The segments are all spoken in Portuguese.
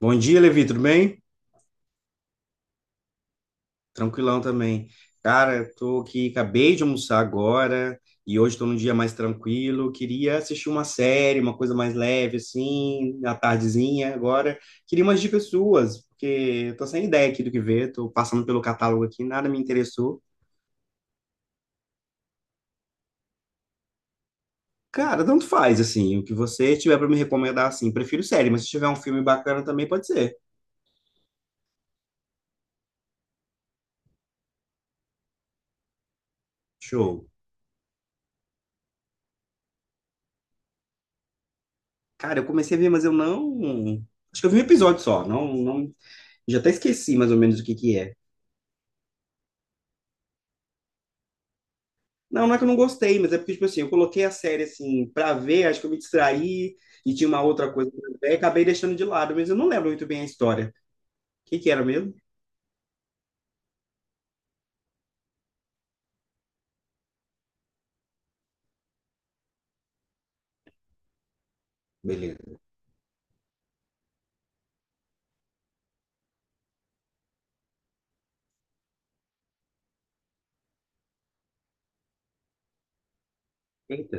Bom dia, Levi, tudo bem? Tranquilão também. Cara, eu tô aqui, acabei de almoçar agora e hoje estou num dia mais tranquilo. Queria assistir uma série, uma coisa mais leve, assim, na tardezinha agora. Queria umas dicas suas, porque eu tô sem ideia aqui do que ver, tô passando pelo catálogo aqui, nada me interessou. Cara, tanto faz, assim, o que você tiver para me recomendar, assim, prefiro série, mas se tiver um filme bacana também pode ser. Show. Cara, eu comecei a ver, mas eu não. Acho que eu vi um episódio só, não. Já até esqueci mais ou menos o que que é. Não, não é que eu não gostei, mas é porque, tipo assim, eu coloquei a série, assim, pra ver, acho que eu me distraí e tinha uma outra coisa pra ver, e acabei deixando de lado, mas eu não lembro muito bem a história. O que que era mesmo? Beleza. Eita,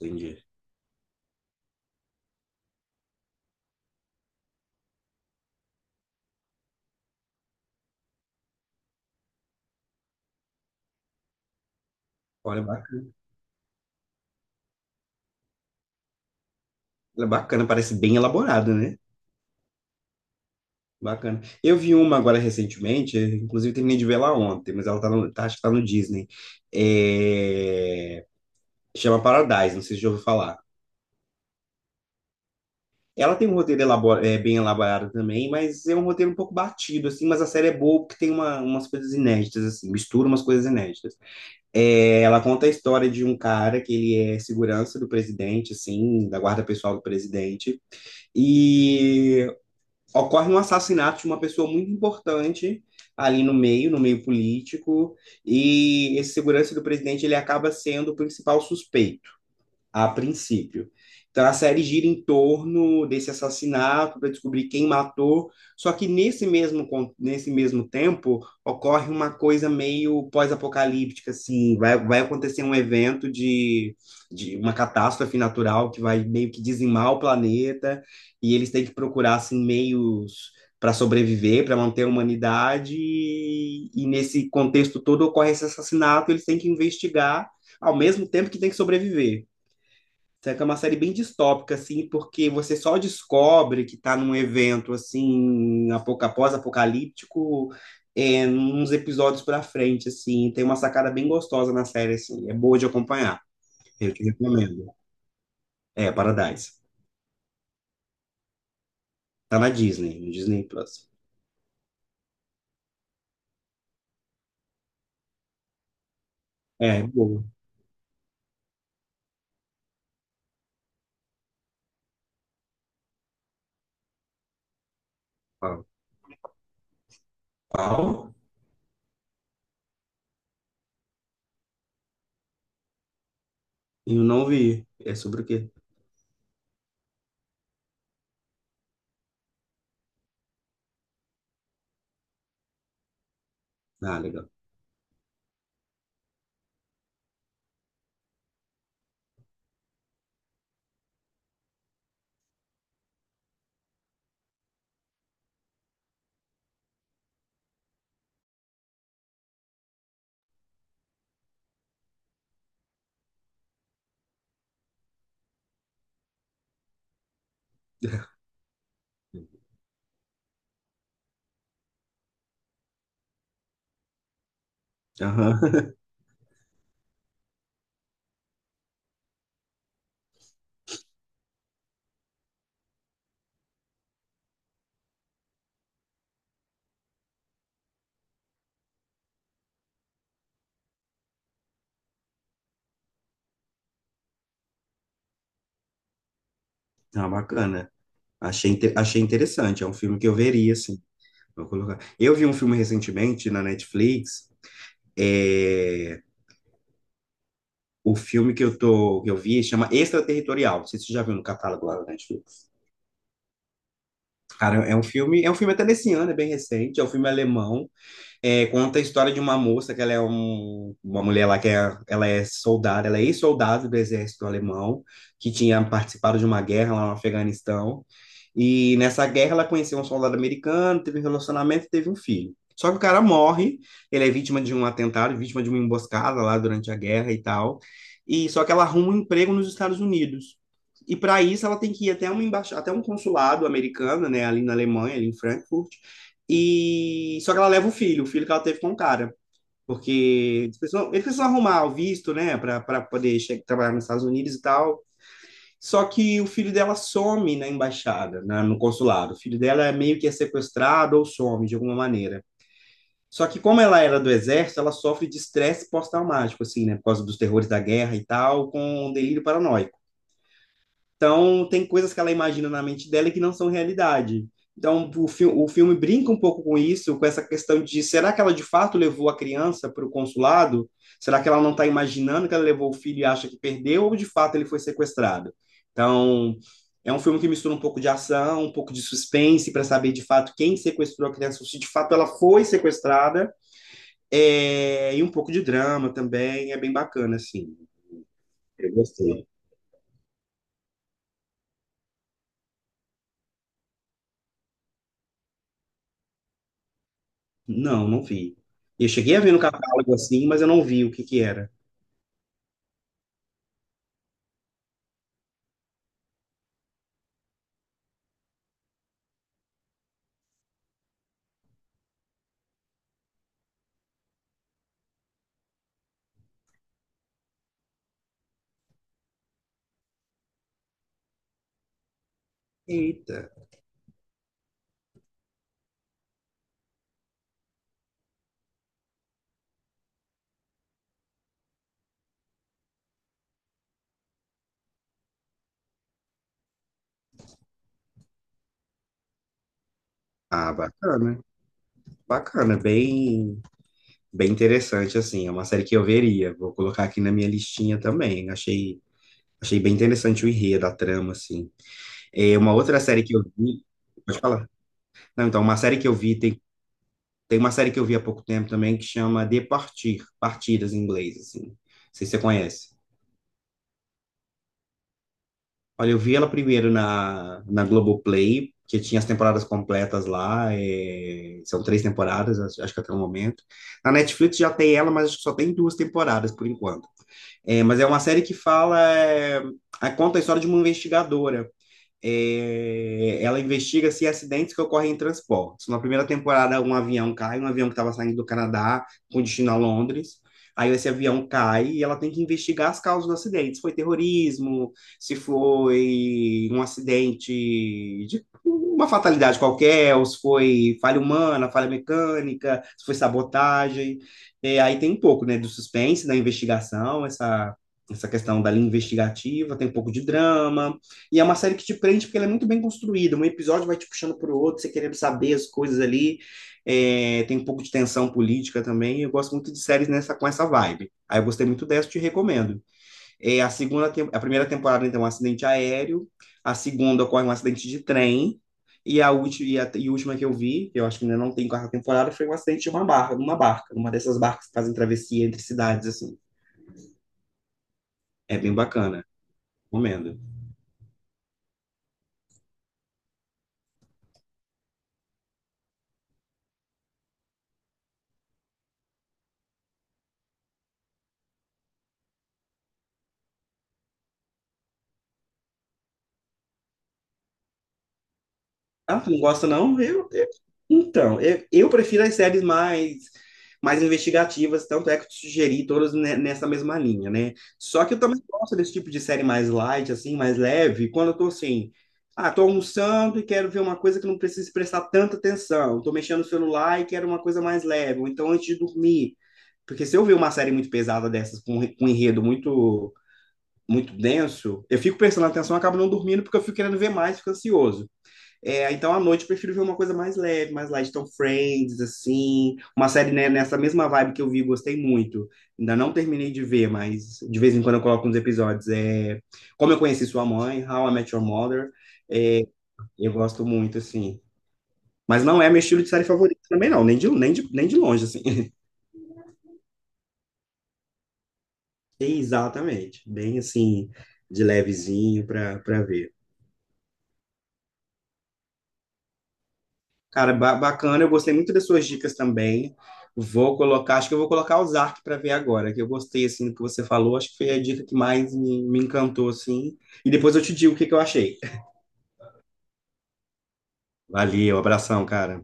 entendi. Olha, bacana. Ela é bacana, parece bem elaborada, né? Bacana. Eu vi uma agora recentemente, inclusive terminei de ver ela ontem, mas ela tá no, tá, acho que tá no Disney. É... Chama Paradise, não sei se já ouviu falar. Ela tem um roteiro bem elaborado também, mas é um roteiro um pouco batido, assim, mas a série é boa porque tem umas coisas inéditas, assim, mistura umas coisas inéditas. É, ela conta a história de um cara que ele é segurança do presidente, assim, da guarda pessoal do presidente, e ocorre um assassinato de uma pessoa muito importante ali no meio, no meio político, e esse segurança do presidente, ele acaba sendo o principal suspeito a princípio. Então a série gira em torno desse assassinato para descobrir quem matou, só que nesse mesmo, nesse mesmo tempo ocorre uma coisa meio pós-apocalíptica, assim, vai acontecer um evento de uma catástrofe natural que vai meio que dizimar o planeta e eles têm que procurar assim, meios para sobreviver, para manter a humanidade, e nesse contexto todo ocorre esse assassinato, eles têm que investigar ao mesmo tempo que têm que sobreviver. Só que é uma série bem distópica, assim, porque você só descobre que está num evento, assim, pós-apocalíptico, é, uns episódios pra frente, assim. Tem uma sacada bem gostosa na série, assim. É boa de acompanhar. Eu te recomendo. É, Paradise. Tá na Disney, no Disney Plus. É, é boa. Qual? Qual? Eu não vi. É sobre o quê? Ah, legal. Aham. Ah, bacana. Achei, achei interessante. É um filme que eu veria, assim. Vou colocar. Eu vi um filme recentemente na Netflix. É, o filme que eu vi chama Extraterritorial. Não sei se você já viu no catálogo lá da Netflix. Cara, é um filme até desse ano, é bem recente, é um filme alemão. É, conta a história de uma moça que ela é uma mulher lá que é, ela é soldada, ela é ex-soldada do exército alemão, que tinha participado de uma guerra lá no Afeganistão. E nessa guerra ela conheceu um soldado americano, teve um relacionamento e teve um filho. Só que o cara morre, ele é vítima de um atentado, vítima de uma emboscada lá durante a guerra e tal. E só que ela arruma um emprego nos Estados Unidos. E para isso ela tem que ir até uma até um consulado americano, né, ali na Alemanha, ali em Frankfurt, e só que ela leva o filho que ela teve com o cara, porque eles precisam arrumar o visto, né, para poder trabalhar nos Estados Unidos e tal. Só que o filho dela some na embaixada, no consulado. O filho dela é meio que é sequestrado ou some de alguma maneira. Só que como ela era do exército, ela sofre de estresse pós-traumático, assim, né, por causa dos terrores da guerra e tal, com um delírio paranoico. Então, tem coisas que ela imagina na mente dela que não são realidade. Então, o filme brinca um pouco com isso, com essa questão de será que ela de fato levou a criança para o consulado? Será que ela não está imaginando que ela levou o filho e acha que perdeu, ou de fato ele foi sequestrado? Então, é um filme que mistura um pouco de ação, um pouco de suspense, para saber de fato quem sequestrou a criança, se de fato ela foi sequestrada, e um pouco de drama também, é bem bacana, assim. Eu gostei. Não, não vi. Eu cheguei a ver no catálogo assim, mas eu não vi o que que era. Eita. Ah, bacana. Bacana, bem interessante assim. É uma série que eu veria. Vou colocar aqui na minha listinha também. Achei bem interessante o enredo, a trama assim. É uma outra série que eu vi, pode falar. Não, então uma série que eu vi tem uma série que eu vi há pouco tempo também que chama De Partir, Partidas em inglês assim. Não sei se você conhece. Olha, eu vi ela primeiro na Globoplay, que tinha as temporadas completas lá, é, são três temporadas, acho que até o momento. Na Netflix já tem ela, mas acho que só tem duas temporadas por enquanto. Mas é uma série que fala, conta a história de uma investigadora é, ela investiga se acidentes que ocorrem em transportes. Na primeira temporada, um avião cai, um avião que estava saindo do Canadá com destino a Londres. Aí esse avião cai e ela tem que investigar as causas do acidente. Se foi terrorismo, se foi um acidente de uma fatalidade qualquer, ou se foi falha humana, falha mecânica, se foi sabotagem. É, aí tem um pouco, né, do suspense, da investigação, essa questão da linha investigativa, tem um pouco de drama, e é uma série que te prende porque ela é muito bem construída. Um episódio vai te puxando para o outro, você querendo saber as coisas ali. É, tem um pouco de tensão política também. Eu gosto muito de séries nessa, com essa vibe. Aí eu gostei muito dessa, te recomendo. É, a segunda, a primeira temporada então é um acidente aéreo, a segunda ocorre um acidente de trem. E a última que eu vi, que eu acho que ainda não tem quarta temporada, foi um acidente de uma barca, uma barca, uma dessas barcas que fazem travessia entre cidades, assim. É bem bacana, recomendo. Ah, tu não gosta não? Então, eu prefiro as séries mais, mais investigativas, tanto é que eu te sugeri todas nessa mesma linha, né? Só que eu também gosto desse tipo de série mais light, assim, mais leve, quando eu tô assim, ah, tô almoçando e quero ver uma coisa que não precise prestar tanta atenção, tô mexendo no celular e quero uma coisa mais leve, ou então antes de dormir. Porque se eu ver uma série muito pesada dessas, com um enredo muito denso, eu fico prestando atenção, eu acabo não dormindo porque eu fico querendo ver mais, fico ansioso. É, então, à noite, eu prefiro ver uma coisa mais leve, mais light. Então, Friends, assim, uma série né, nessa mesma vibe que eu vi, gostei muito. Ainda não terminei de ver, mas de vez em quando eu coloco uns episódios. É, Como Eu Conheci Sua Mãe, How I Met Your Mother. É, eu gosto muito, assim. Mas não é meu estilo de série favorito também, não. Nem de longe, assim. Exatamente. Bem, assim, de levezinho pra ver. Cara, bacana, eu gostei muito das suas dicas também. Vou colocar, acho que eu vou colocar Ozark para ver agora, que eu gostei assim do que você falou, acho que foi a dica que mais me encantou assim. E depois eu te digo o que que eu achei. Valeu, abração, cara.